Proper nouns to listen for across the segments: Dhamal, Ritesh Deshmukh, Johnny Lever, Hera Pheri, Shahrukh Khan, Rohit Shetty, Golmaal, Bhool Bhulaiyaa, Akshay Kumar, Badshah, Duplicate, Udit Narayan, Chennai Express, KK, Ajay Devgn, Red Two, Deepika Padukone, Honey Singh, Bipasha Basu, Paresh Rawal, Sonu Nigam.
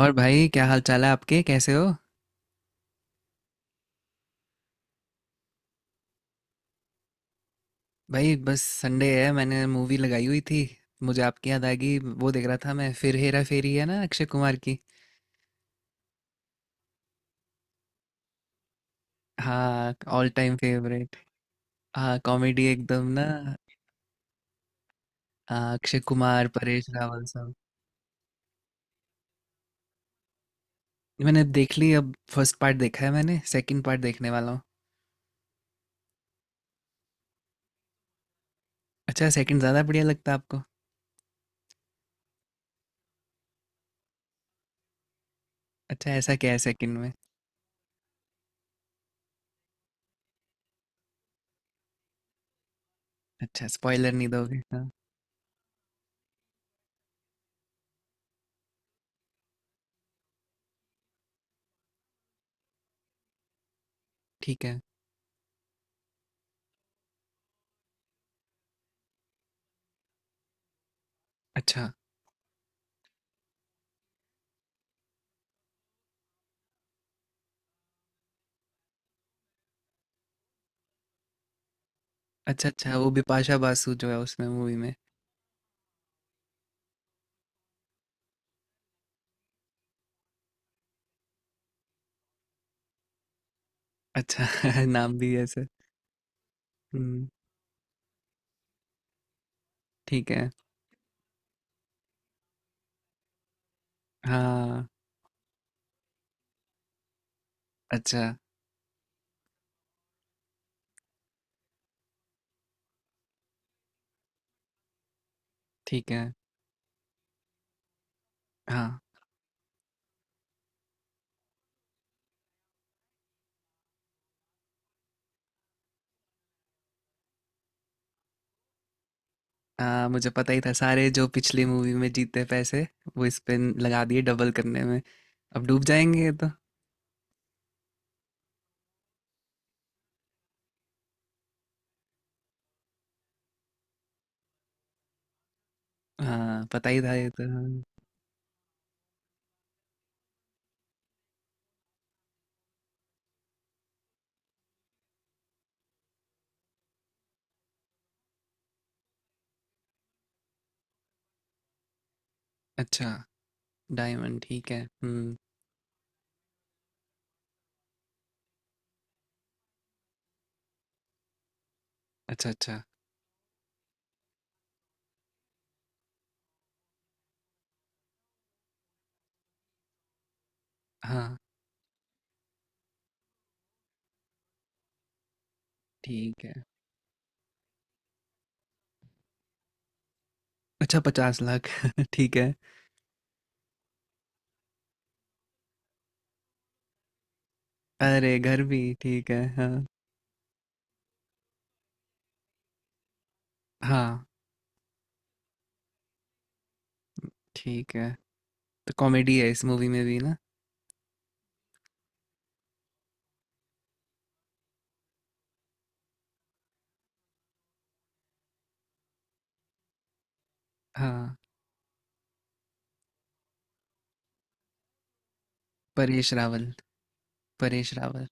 और भाई क्या हाल चाल है आपके, कैसे हो। भाई बस संडे है, मैंने मूवी लगाई हुई थी। मुझे आपकी याद आ गई। वो देख रहा था मैं, फिर हेरा फेरी है ना, अक्षय कुमार की। हाँ, ऑल टाइम फेवरेट। हाँ, कॉमेडी एकदम ना। हाँ, अक्षय कुमार, परेश रावल सब। मैंने देख ली। अब फर्स्ट पार्ट देखा है मैंने, सेकंड पार्ट देखने वाला हूँ। अच्छा, सेकंड ज़्यादा बढ़िया लगता है आपको? अच्छा, ऐसा क्या है सेकंड में? अच्छा, स्पॉइलर नहीं दोगे। हाँ, ठीक है। अच्छा अच्छा। अच्छा, वो बिपाशा बासु जो है उसमें, मूवी में। अच्छा नाम भी ऐसे। हम्म, ठीक है। हाँ, अच्छा, ठीक है, हाँ। मुझे पता ही था, सारे जो पिछली मूवी में जीते पैसे वो इस पे लगा दिए डबल करने में। अब डूब जाएंगे ये तो। हाँ, पता ही था ये तो, हाँ। अच्छा, डायमंड, ठीक है। हम्म। अच्छा अच्छा, हाँ, ठीक है। अच्छा, पचास लाख ठीक है। अरे, घर भी? ठीक है, हाँ। हाँ, ठीक है। तो कॉमेडी है इस मूवी में भी ना? हाँ, परेश रावल। परेश रावल।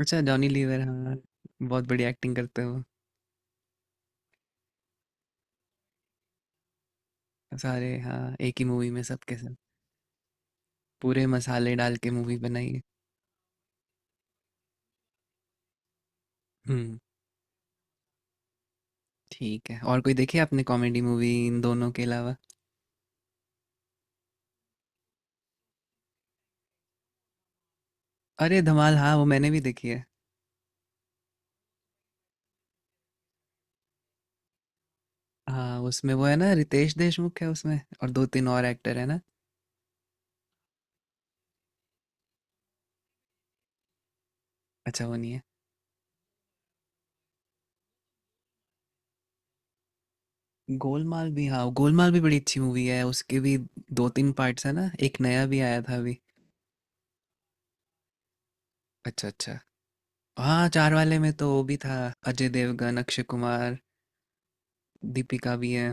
अच्छा, जॉनी लीवर, हाँ। बहुत बड़ी एक्टिंग करते हो। सारे, हाँ, एक ही मूवी में सबके सब। पूरे मसाले डाल के मूवी बनाई है। हम्म। ठीक है, और कोई देखी है आपने कॉमेडी मूवी इन दोनों के अलावा? अरे धमाल, हाँ, वो मैंने भी देखी है। हाँ, उसमें वो है ना, रितेश देशमुख है उसमें और दो तीन और एक्टर है ना। अच्छा, वो नहीं है। गोलमाल भी, हाँ, गोलमाल भी बड़ी अच्छी मूवी है, उसके भी। दो तीन पार्ट्स है ना, एक नया भी आया था अभी। अच्छा अच्छा। हाँ, चार वाले में तो वो भी था, अजय देवगन, अक्षय कुमार। दीपिका भी है।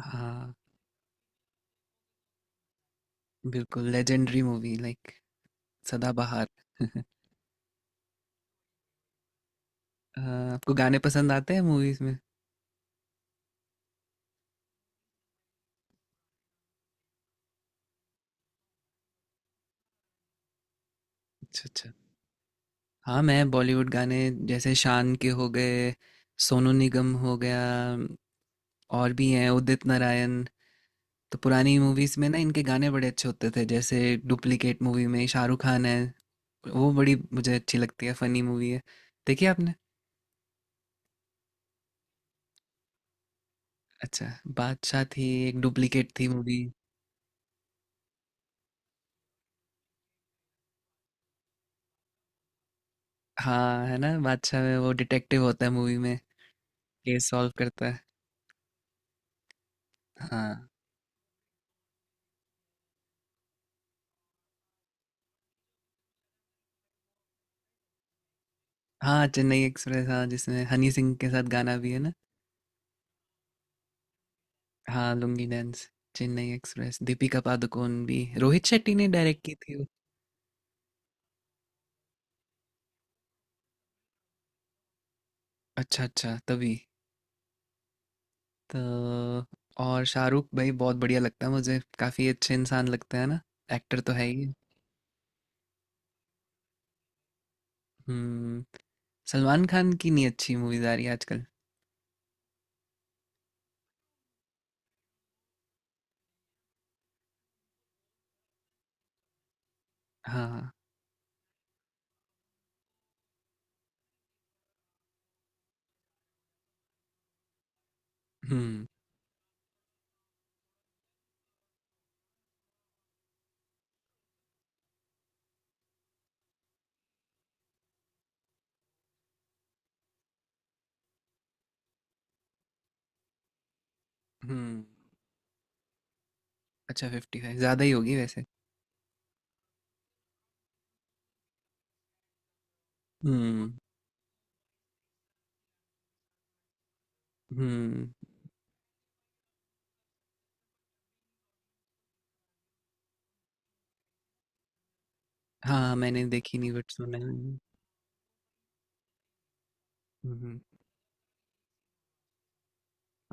हाँ, बिल्कुल लेजेंडरी मूवी, लाइक, सदाबहार। अ, आपको गाने पसंद आते हैं मूवीज में? अच्छा अच्छा। हाँ, मैं बॉलीवुड गाने। जैसे शान के हो गए, सोनू निगम हो गया। और भी हैं, उदित नारायण। तो पुरानी मूवीज में ना, इनके गाने बड़े अच्छे होते थे, जैसे डुप्लीकेट मूवी में शाहरुख खान है, वो बड़ी मुझे अच्छी लगती है, फनी मूवी है। देखी आपने? अच्छा, बादशाह थी, एक डुप्लीकेट थी मूवी। हाँ, है ना, बादशाह में वो डिटेक्टिव होता है मूवी में, ये सॉल्व करता है। हाँ, हाँ, चेन्नई एक्सप्रेस, हाँ, जिसमें हनी सिंह के साथ गाना भी है ना। हाँ, लुंगी डांस। चेन्नई एक्सप्रेस, दीपिका पादुकोण भी, रोहित शेट्टी ने डायरेक्ट की थी वो। अच्छा अच्छा, तभी। तो और शाहरुख भाई बहुत बढ़िया लगता है मुझे, काफी अच्छे इंसान लगते हैं ना। एक्टर तो है ही। हम्म। सलमान खान की नहीं अच्छी मूवीज आ रही आजकल। हाँ। हम्म, हम्म। अच्छा, फिफ्टी फाइव ज्यादा ही होगी वैसे। हम्म। हम्म। हाँ, मैंने देखी नहीं बट सुना है। हम्म।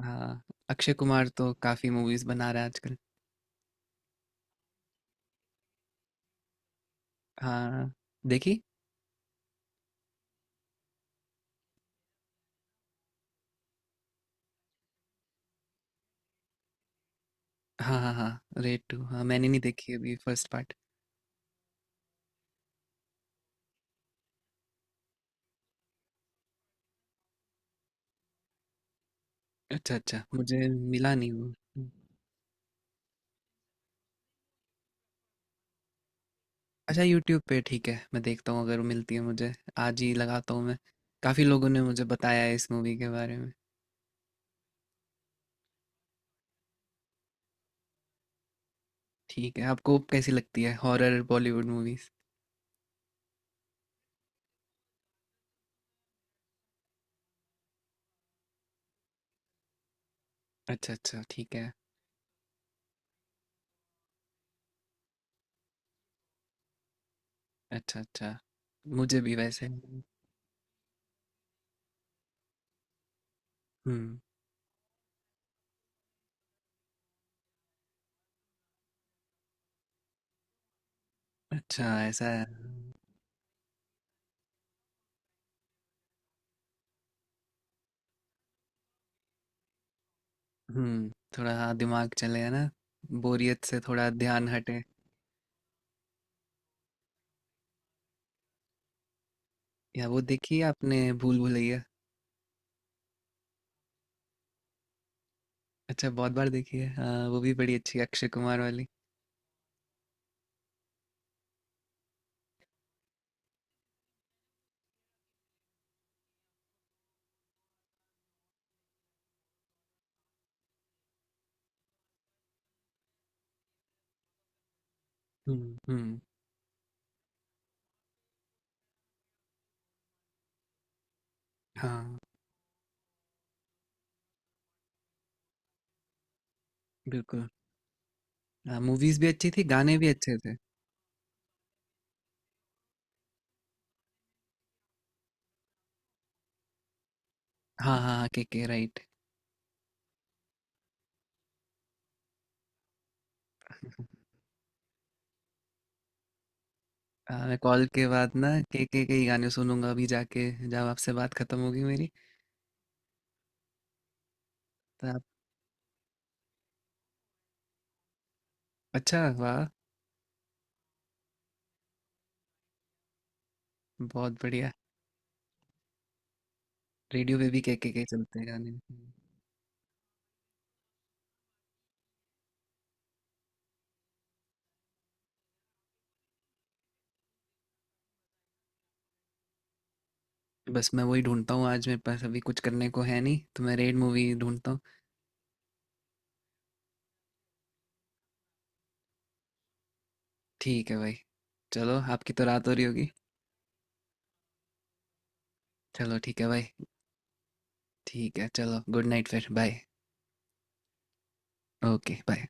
हाँ, अक्षय कुमार तो काफी मूवीज बना रहा है आजकल। हाँ, देखी। हाँ हाँ हाँ, रेड टू, हाँ, मैंने नहीं देखी अभी फर्स्ट पार्ट। अच्छा अच्छा, मुझे मिला नहीं वो। अच्छा, यूट्यूब पे, ठीक है, मैं देखता हूँ अगर वो मिलती है मुझे। आज ही लगाता हूँ मैं। काफी लोगों ने मुझे बताया है इस मूवी के बारे में। ठीक है, आपको कैसी लगती है हॉरर बॉलीवुड मूवीज? अच्छा अच्छा, ठीक है। अच्छा अच्छा, मुझे भी वैसे। हम्म। अच्छा, ऐसा है। हुँ, थोड़ा, हाँ, दिमाग चले, है ना? बोरियत से थोड़ा ध्यान हटे। या वो देखी है आपने, भूल भुलैया? अच्छा, बहुत बार देखी है। हाँ, वो भी बड़ी अच्छी है, अक्षय कुमार वाली। हुँ, हुँ। हाँ, बिल्कुल। मूवीज़ भी अच्छी थी, गाने भी अच्छे थे। हाँ, हाँ, हाँ, केके, राइट। मैं कॉल के बाद ना केके के ही गाने सुनूँगा अभी जाके, जब आपसे बात खत्म होगी मेरी। तो आप। अच्छा, वाह! बहुत बढ़िया। रेडियो पे भी केके के चलते हैं गाने। बस मैं वही ढूंढता हूँ। आज मेरे पास अभी कुछ करने को है नहीं, तो मैं रेड मूवी ढूंढता हूँ। ठीक है भाई। चलो, आपकी तो रात हो रही होगी। चलो, ठीक है भाई। ठीक है, चलो, गुड नाइट, फिर बाय। Okay, bye.